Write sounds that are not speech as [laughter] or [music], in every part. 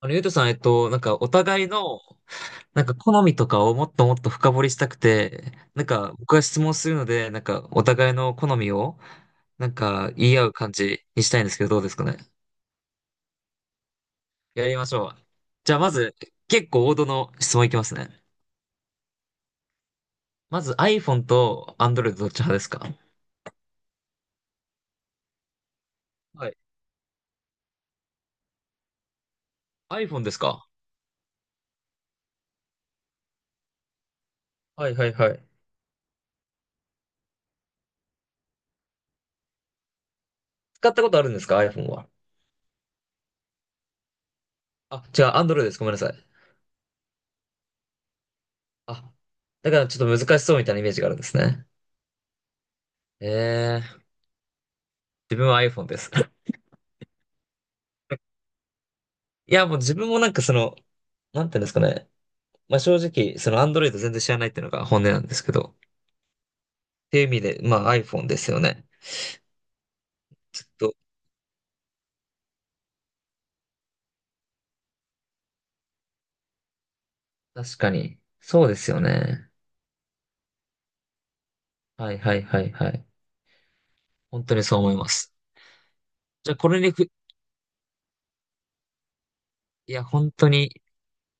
ゆうとさん、なんか、お互いの、なんか、好みとかをもっともっと深掘りしたくて、なんか、僕が質問するので、なんか、お互いの好みを、なんか、言い合う感じにしたいんですけど、どうですかね。やりましょう。じゃあ、まず、結構王道の質問いきますね。まず、iPhone と Android どっち派ですか？はい。iPhone ですか？はいはいはい。使ったことあるんですか？ iPhone は。あ、違う、Android です。ごめんなさい。あ、だからちょっと難しそうみたいなイメージがあるんですね。えー、自分は iPhone です。いや、もう自分もなんかその、なんていうんですかね。まあ正直、その Android 全然知らないっていうのが本音なんですけど。っていう意味で、まあ iPhone ですよね。ずっと。確かに。そうですよね。はいはいはいはい。本当にそう思います。じゃあこれにふ、いや、本当に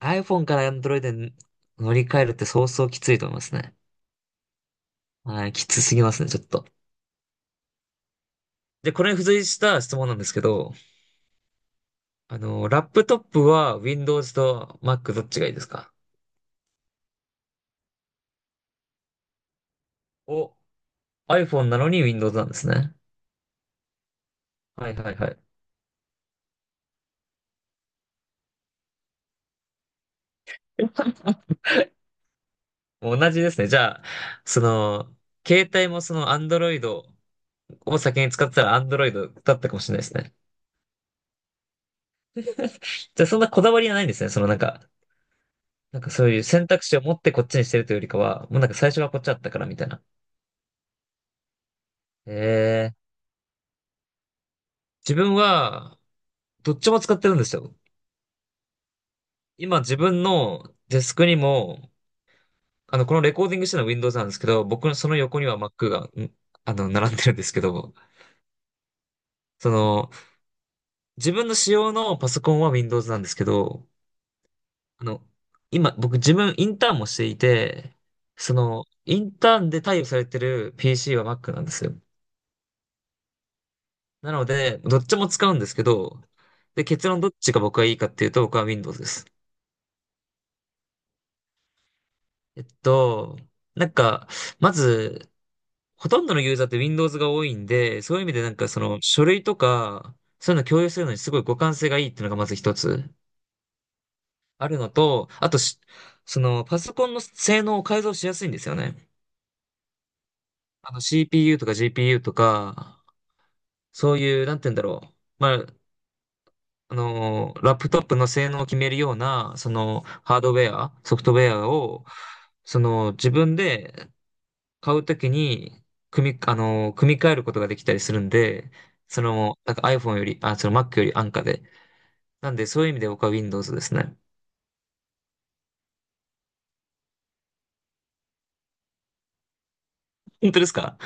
iPhone から Android に乗り換えるってそうそうきついと思いますね。はい、きつすぎますね、ちょっと。で、これに付随した質問なんですけど、ラップトップは Windows と Mac どっちがいいですか？お、iPhone なのに Windows なんですね。はいはいはい。同じですね。じゃあ、その、携帯もその Android を先に使ってたら Android だったかもしれないですね。じゃあそんなこだわりはないんですね。そのなんか、なんかそういう選択肢を持ってこっちにしてるというよりかは、もうなんか最初はこっちだったからみたいな。えー、自分はどっちも使ってるんですよ。今自分のデスクにも、このレコーディングしてるのは Windows なんですけど、僕のその横には Mac が、並んでるんですけど、その、自分の使用のパソコンは Windows なんですけど、あの、今、僕自分インターンもしていて、インターンで貸与されてる PC は Mac なんですよ。なので、どっちも使うんですけど、で、結論どっちが僕はいいかっていうと、僕は Windows です。えっと、なんか、まず、ほとんどのユーザーって Windows が多いんで、そういう意味でなんかその書類とか、そういうの共有するのにすごい互換性がいいっていうのがまず一つあるのと、あとし、そのパソコンの性能を改造しやすいんですよね。CPU とか GPU とか、そういう、なんて言うんだろう。まあ、ラップトップの性能を決めるような、ハードウェア、ソフトウェアを、自分で買うときに、組み、あのー組み替えることができたりするんで、なんか iPhone より、あ、その Mac より安価で。なんで、そういう意味で僕は Windows ですね。[laughs] 本当ですか？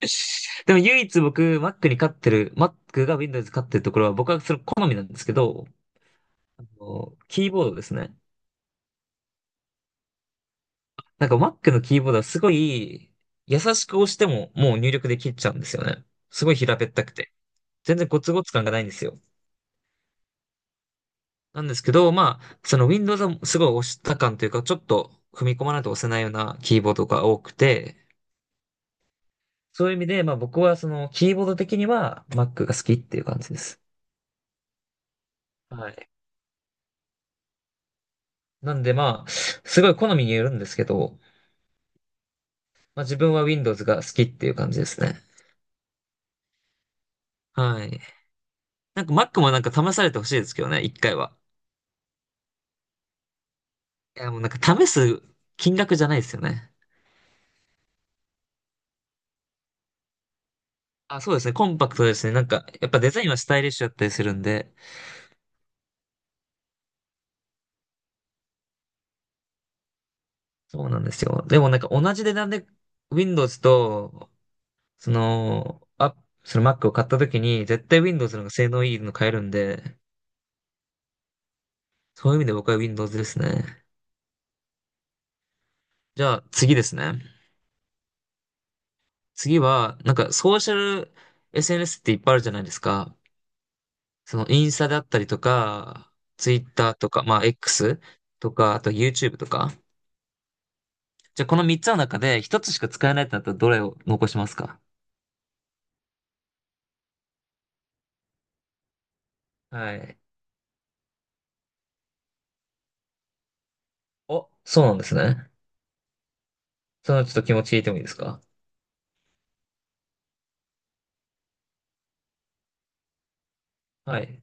[laughs] でも唯一僕、Mac が Windows に勝ってるところは、僕はそれ好みなんですけど、キーボードですね。なんか Mac のキーボードはすごい優しく押してももう入力できちゃうんですよね。すごい平べったくて。全然ゴツゴツ感がないんですよ。なんですけど、まあ、その Windows はすごい押した感というか、ちょっと踏み込まないと押せないようなキーボードが多くて、そういう意味で、まあ僕はそのキーボード的には Mac が好きっていう感じです。はい。なんでまあ、すごい好みによるんですけど、まあ自分は Windows が好きっていう感じですね。はい。なんか Mac もなんか試されてほしいですけどね、一回は。いや、もうなんか試す金額じゃないですよね。あ、そうですね。コンパクトですね。なんか、やっぱデザインはスタイリッシュだったりするんで。そうなんですよ。でもなんか同じ値段で Windows と、その、あ、その Mac を買った時に、絶対 Windows の方が性能いいの買えるんで、そういう意味で僕は Windows ですね。じゃあ次ですね。次は、なんかソーシャル SNS っていっぱいあるじゃないですか。そのインスタだったりとか、Twitter とか、まあ X とか、あと YouTube とか。じゃあこの3つの中で1つしか使えないってなったらどれを残しますか？はい。お、そうなんですね。ちょっと気持ちいいてもいいですか？はい。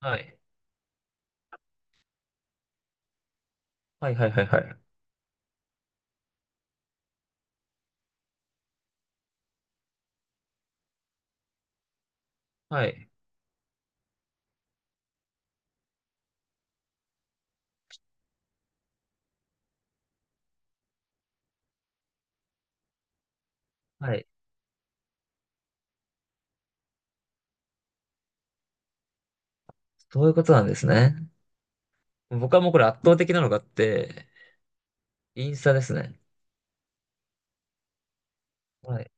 はい。はいはいはいはい。はい。はい。そういうことなんですね。僕はもうこれ圧倒的なのがあって、インスタですね。はい。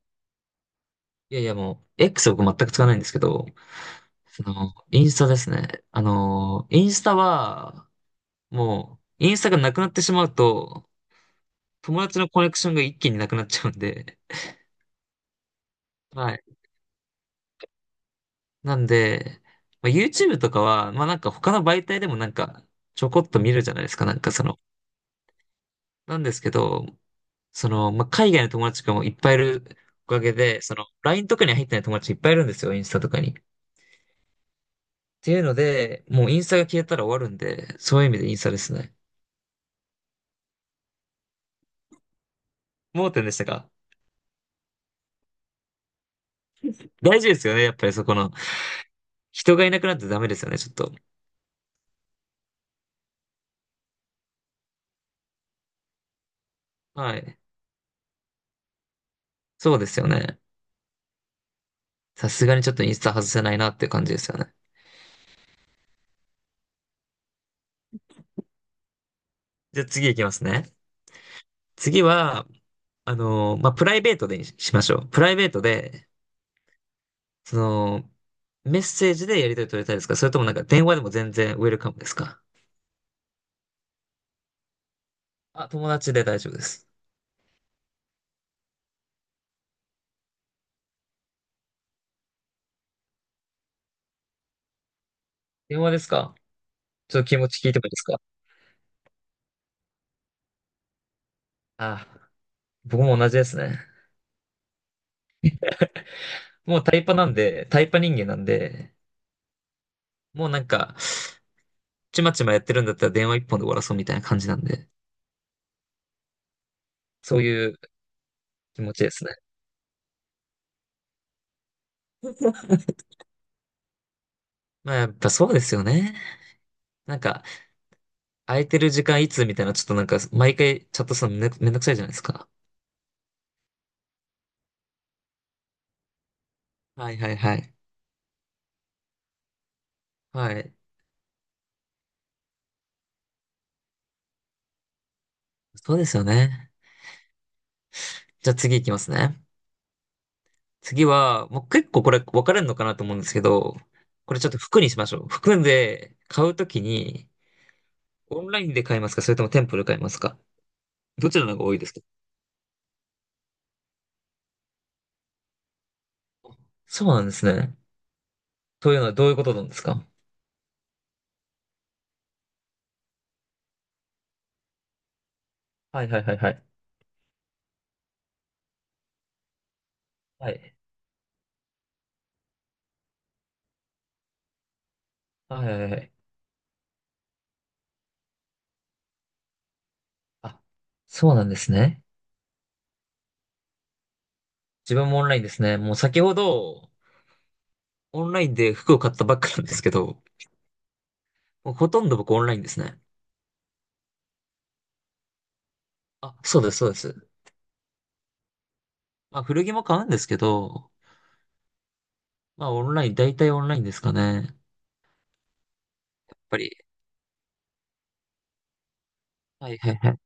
いやいやもう、X は僕全く使わないんですけど、インスタですね。あのー、インスタは、もう、インスタがなくなってしまうと、友達のコネクションが一気になくなっちゃうんで、[laughs] はい。なんで、まあ、YouTube とかは、まあなんか他の媒体でもなんかちょこっと見るじゃないですか、なんかその。なんですけど、まあ海外の友達とかもいっぱいいるおかげで、その LINE とかに入ってない友達いっぱいいるんですよ、インスタとかに。っていうので、もうインスタが消えたら終わるんで、そういう意味でインスタですね。盲点でしたか？大事ですよね、やっぱりそこの。人がいなくなってダメですよね、ちょっと。はい。そうですよね。さすがにちょっとインスタ外せないなっていう感じですよね。じゃあ次行きますね。次は、まあ、プライベートでにししましょう。プライベートで、その、メッセージでやり取り取りたいですか？それともなんか電話でも全然ウェルカムですか？あ、友達で大丈夫です。電話ですか？ちょっと気持ち聞いてもいいですか？あ、僕も同じですね。もうタイパなんで、タイパ人間なんで、もうなんか、ちまちまやってるんだったら電話一本で終わらそうみたいな感じなんで、そういう気持ちですね。まあやっぱそうですよね。なんか、空いてる時間いつみたいな、ちょっとなんか、毎回チャットするのめんめんどくさいじゃないですか。はいはいはい。はい。そうですよね。じゃあ次いきますね。次は、もう結構これ分かれるのかなと思うんですけど、これちょっと服にしましょう。服で買うときに、オンラインで買いますか？それとも店舗で買いますか？どちらの方が多いですか？そうなんですね。というのはどういうことなんですか？はいはいはいはい。はい。はいはいはい。あ、そうなんですね。自分もオンラインですね。もう先ほど、オンラインで服を買ったばっかなんですけど、もうほとんど僕オンラインですね。あ、そうですそうです。まあ古着も買うんですけど、まあ、オンライン、大体オンラインですかね。やっぱり。はいはいは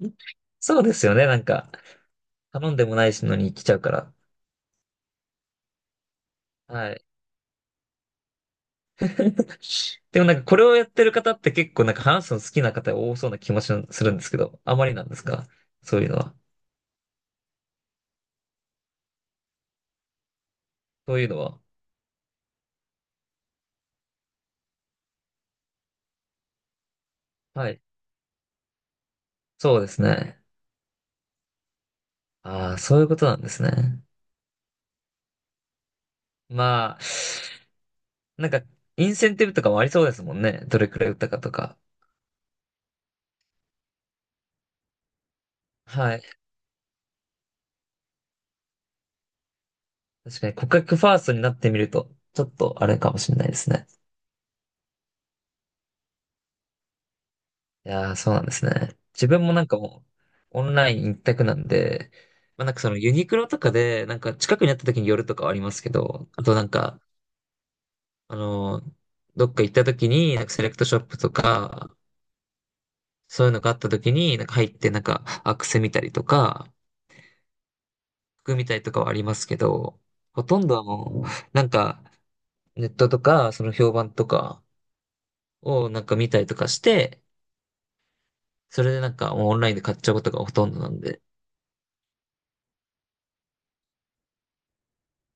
い。そうですよね。なんか、頼んでもないのに来ちゃうから。はい。[laughs] でもなんか、これをやってる方って結構なんか話すの好きな方が多そうな気もしするんですけど、あまりなんですか？そういうのは。そういうのは。はい。そうですね。ああ、そういうことなんですね。まあ、なんか、インセンティブとかもありそうですもんね。どれくらい打ったかとか。はい。確かに、顧客ファーストになってみると、ちょっとあれかもしれないですね。いやー、そうなんですね。自分もなんかもう、オンライン一択なんで、まあなんかそのユニクロとかで、なんか近くにあった時に寄るとかはありますけど、あとなんか、あのーどっか行った時に、なんかセレクトショップとか、そういうのがあった時に、なんか入ってなんかアクセ見たりとか、服見たりとかはありますけど、ほとんどはもう、なんかネットとか、その評判とかをなんか見たりとかして、それでなんかもうオンラインで買っちゃうことがほとんどなんで、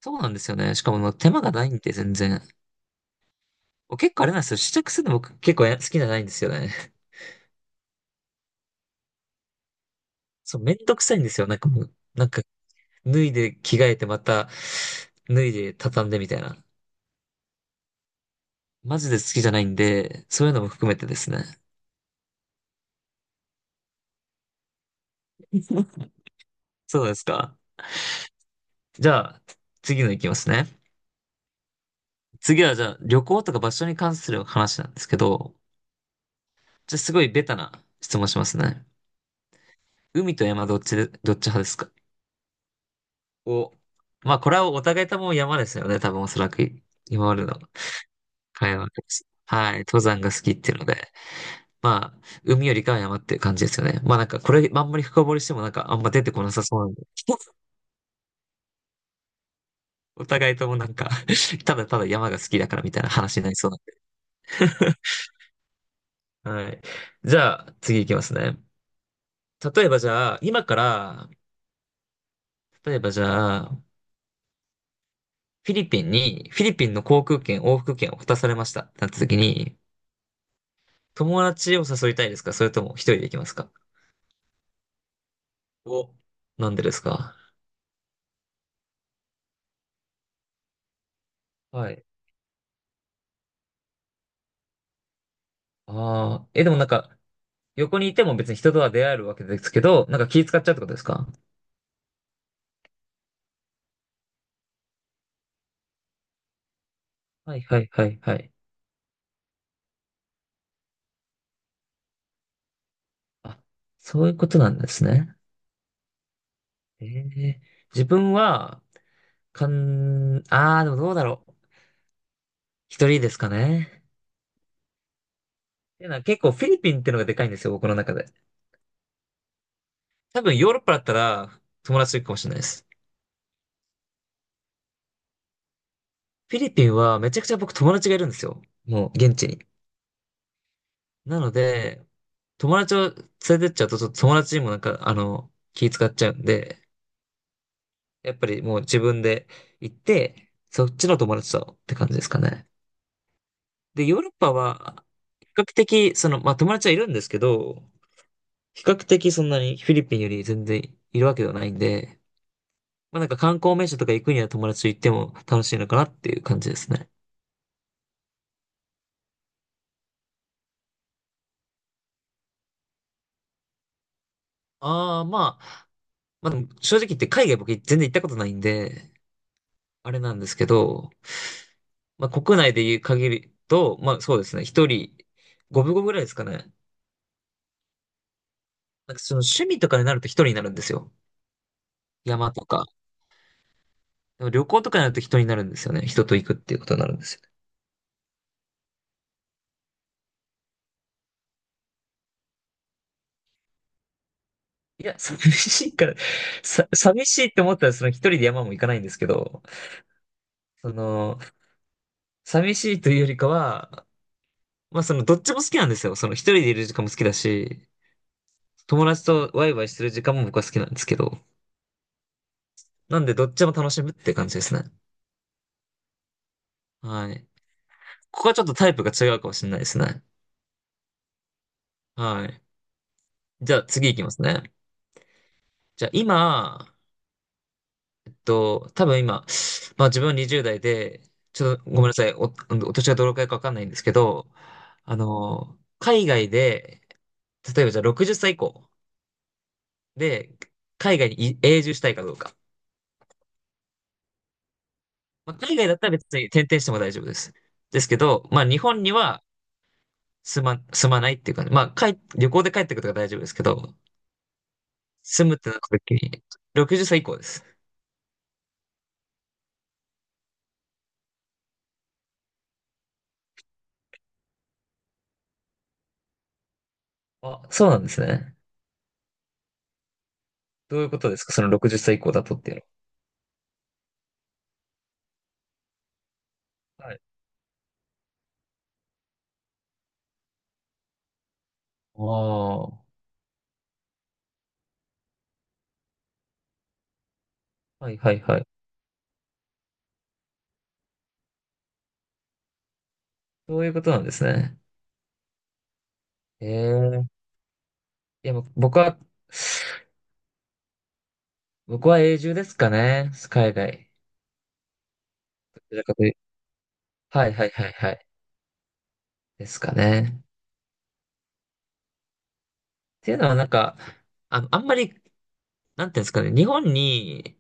そうなんですよね。しかも、まあ、手間がないんで、全然。僕結構あれなんですよ。試着するの僕結構好きじゃないんですよね。[laughs] そう、めんどくさいんですよ。なんかもう、なんか、脱いで着替えてまた、脱いで畳んでみたいな。マジで好きじゃないんで、そういうのも含めてですね。[laughs] そうですか。じゃあ、次のいきますね。次はじゃあ、旅行とか場所に関する話なんですけど、じゃあすごいベタな質問しますね。海と山どっち派ですか？お、まあ、これはお互いとも山ですよね。多分おそらく今までの会話です。はい。登山が好きっていうので。まあ、海よりかは山っていう感じですよね。まあなんかこれ、あんまり深掘りしてもなんかあんま出てこなさそうなんで。[laughs] お互いともなんか [laughs] ただただ山が好きだからみたいな話になりそうなんで。[laughs] はい。じゃあ、次行きますね。例えばじゃあ、今から、例えばじゃあ、フィリピンに、フィリピンの航空券、往復券を渡されました。なった時に、友達を誘いたいですかそれとも一人で行きますか？お、なんでですか？はい。ああ、え、でもなんか、横にいても別に人とは出会えるわけですけど、なんか気使っちゃうってことですか？はいはいはいはい。あ、そういうことなんですね。ええ、自分は、ああ、でもどうだろう。一人ですかね。で、なんか結構フィリピンってのがでかいんですよ、僕の中で。多分ヨーロッパだったら友達いるかもしれないです。フィリピンはめちゃくちゃ僕友達がいるんですよ。もう現地に。なので、友達を連れてっちゃうと、ちょっと友達にもなんか、あの、気使っちゃうんで、やっぱりもう自分で行って、そっちの友達とって感じですかね。で、ヨーロッパは、比較的、その、まあ友達はいるんですけど、比較的そんなにフィリピンより全然いるわけではないんで、まあなんか観光名所とか行くには友達と行っても楽しいのかなっていう感じですね。ああ、まあ、まあでも正直言って海外僕全然行ったことないんで、あれなんですけど、まあ、国内で言う限りと、まあそうですね、一人、五分五分ぐらいですかね。なんかその趣味とかになると一人になるんですよ。山とか。でも旅行とかになると人になるんですよね。人と行くっていうことになるんですよね。いや、寂しいから、寂しいって思ったらその一人で山も行かないんですけど、その、寂しいというよりかは、まあそのどっちも好きなんですよ。その一人でいる時間も好きだし、友達とワイワイする時間も僕は好きなんですけど、なんでどっちも楽しむって感じですね。はい。ここはちょっとタイプが違うかもしれないですね。はい。じゃあ次行きますね。じゃあ今、多分今、まあ自分20代で、ちょっとごめんなさい、お年がどのくらいかわかんないんですけど、あの、海外で、例えばじゃあ60歳以降で、海外に永住したいかどうか。まあ、海外だったら別に転々しても大丈夫です。ですけど、まあ日本には住まないっていうか、まあ旅行で帰ってくるとか大丈夫ですけど、住むってなった時に、60歳以降です。あ、そうなんですね。どういうことですかその60歳以降だとっていうのは。はい。ああ、はいはいはい。そういうことなんですね。ええ。いや、もう僕は、僕は永住ですかね。海外。どちらかというはいはいはいはい。ですかね。っていうのはなんか、あ、あんまり、なんていうんですかね。日本に、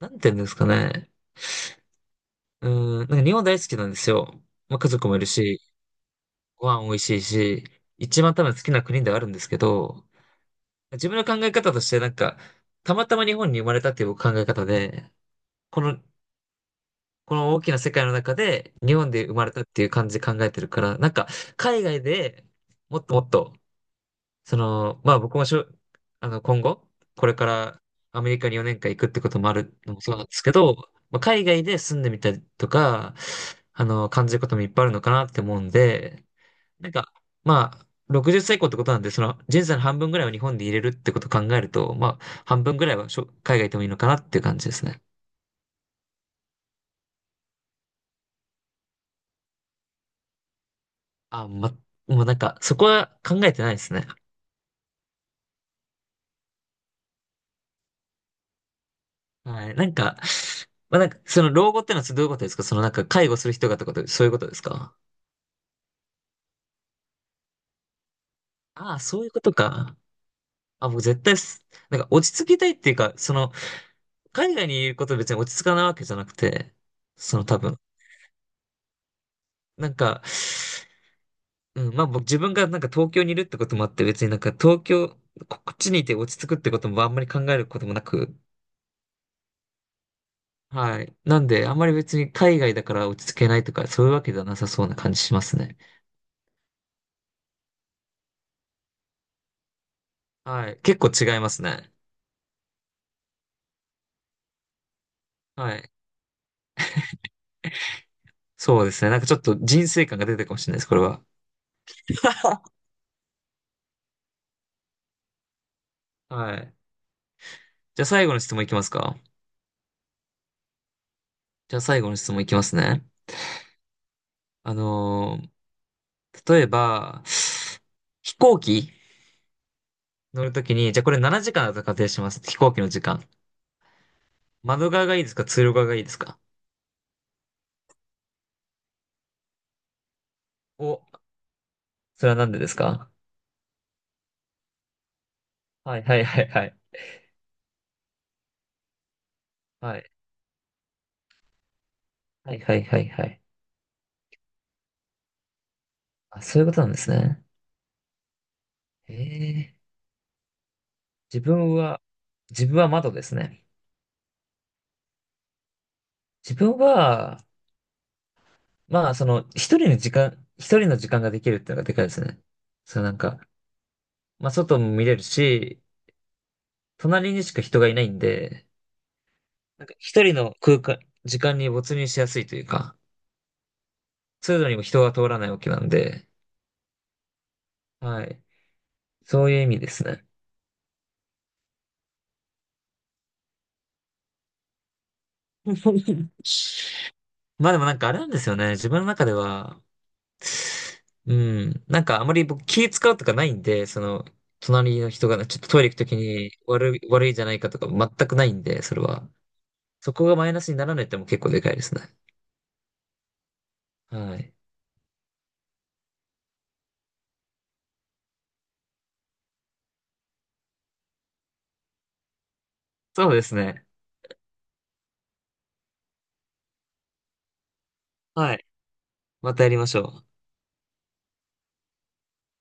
なんていうんですかね。うーん、なんか日本大好きなんですよ。まあ、家族もいるし、ご飯美味しいし、一番多分好きな国ではあるんですけど、自分の考え方として、なんか、たまたま日本に生まれたっていう考え方で、この、この大きな世界の中で、日本で生まれたっていう感じで考えてるから、なんか、海外でもっともっと、その、まあ僕もしょ、あの、今後、これからアメリカに4年間行くってこともあるのもそうなんですけど、まあ、海外で住んでみたりとか、あの、感じることもいっぱいあるのかなって思うんで、なんか、まあ、60歳以降ってことなんで、その人生の半分ぐらいを日本で入れるってことを考えると、まあ、半分ぐらいは海外行ってもいいのかなっていう感じですね。あ、ま、もうなんか、そこは考えてないですね。はい。なんか、まあ、なんか、その老後ってのはどういうことですかそのなんか、介護する人がってこと、そういうことですか？ああ、そういうことか。あ、もう絶対す、なんか落ち着きたいっていうか、その、海外にいることで別に落ち着かないわけじゃなくて、その多分、なんか、うん、まあ僕自分がなんか東京にいるってこともあって別になんか東京、ここっちにいて落ち着くってこともあんまり考えることもなく、はい。なんであんまり別に海外だから落ち着けないとかそういうわけではなさそうな感じしますね。はい。結構違いますね。はい。そうですね。なんかちょっと人生観が出てるかもしれないです、これは。[laughs] はい。じゃあ最後の質問いきますか？じゃあ最後の質問いきますね。あのー例えば、飛行機乗るときに、じゃあこれ7時間だと仮定します。飛行機の時間。窓側がいいですか通路側がいいですか？お、それはなんでですか？はいはいはいはい。はい。はいはいはいはい。あ、そういうことなんですね。へえ。自分は、自分は窓ですね。自分は、まあその、一人の時間ができるっていうのがでかいですね。そうなんか、まあ外も見れるし、隣にしか人がいないんで、なんか一人の空間、時間に没入しやすいというか、通路にも人が通らないわけなんで、はい。そういう意味ですね。[laughs] まあでもなんかあれなんですよね。自分の中では、うん、なんかあまり僕気使うとかないんで、その、隣の人がねちょっとトイレ行くときに悪いんじゃないかとか全くないんで、それは。そこがマイナスにならないってのも結構でかいですね。はい。そうですね。はい。またやりましょう。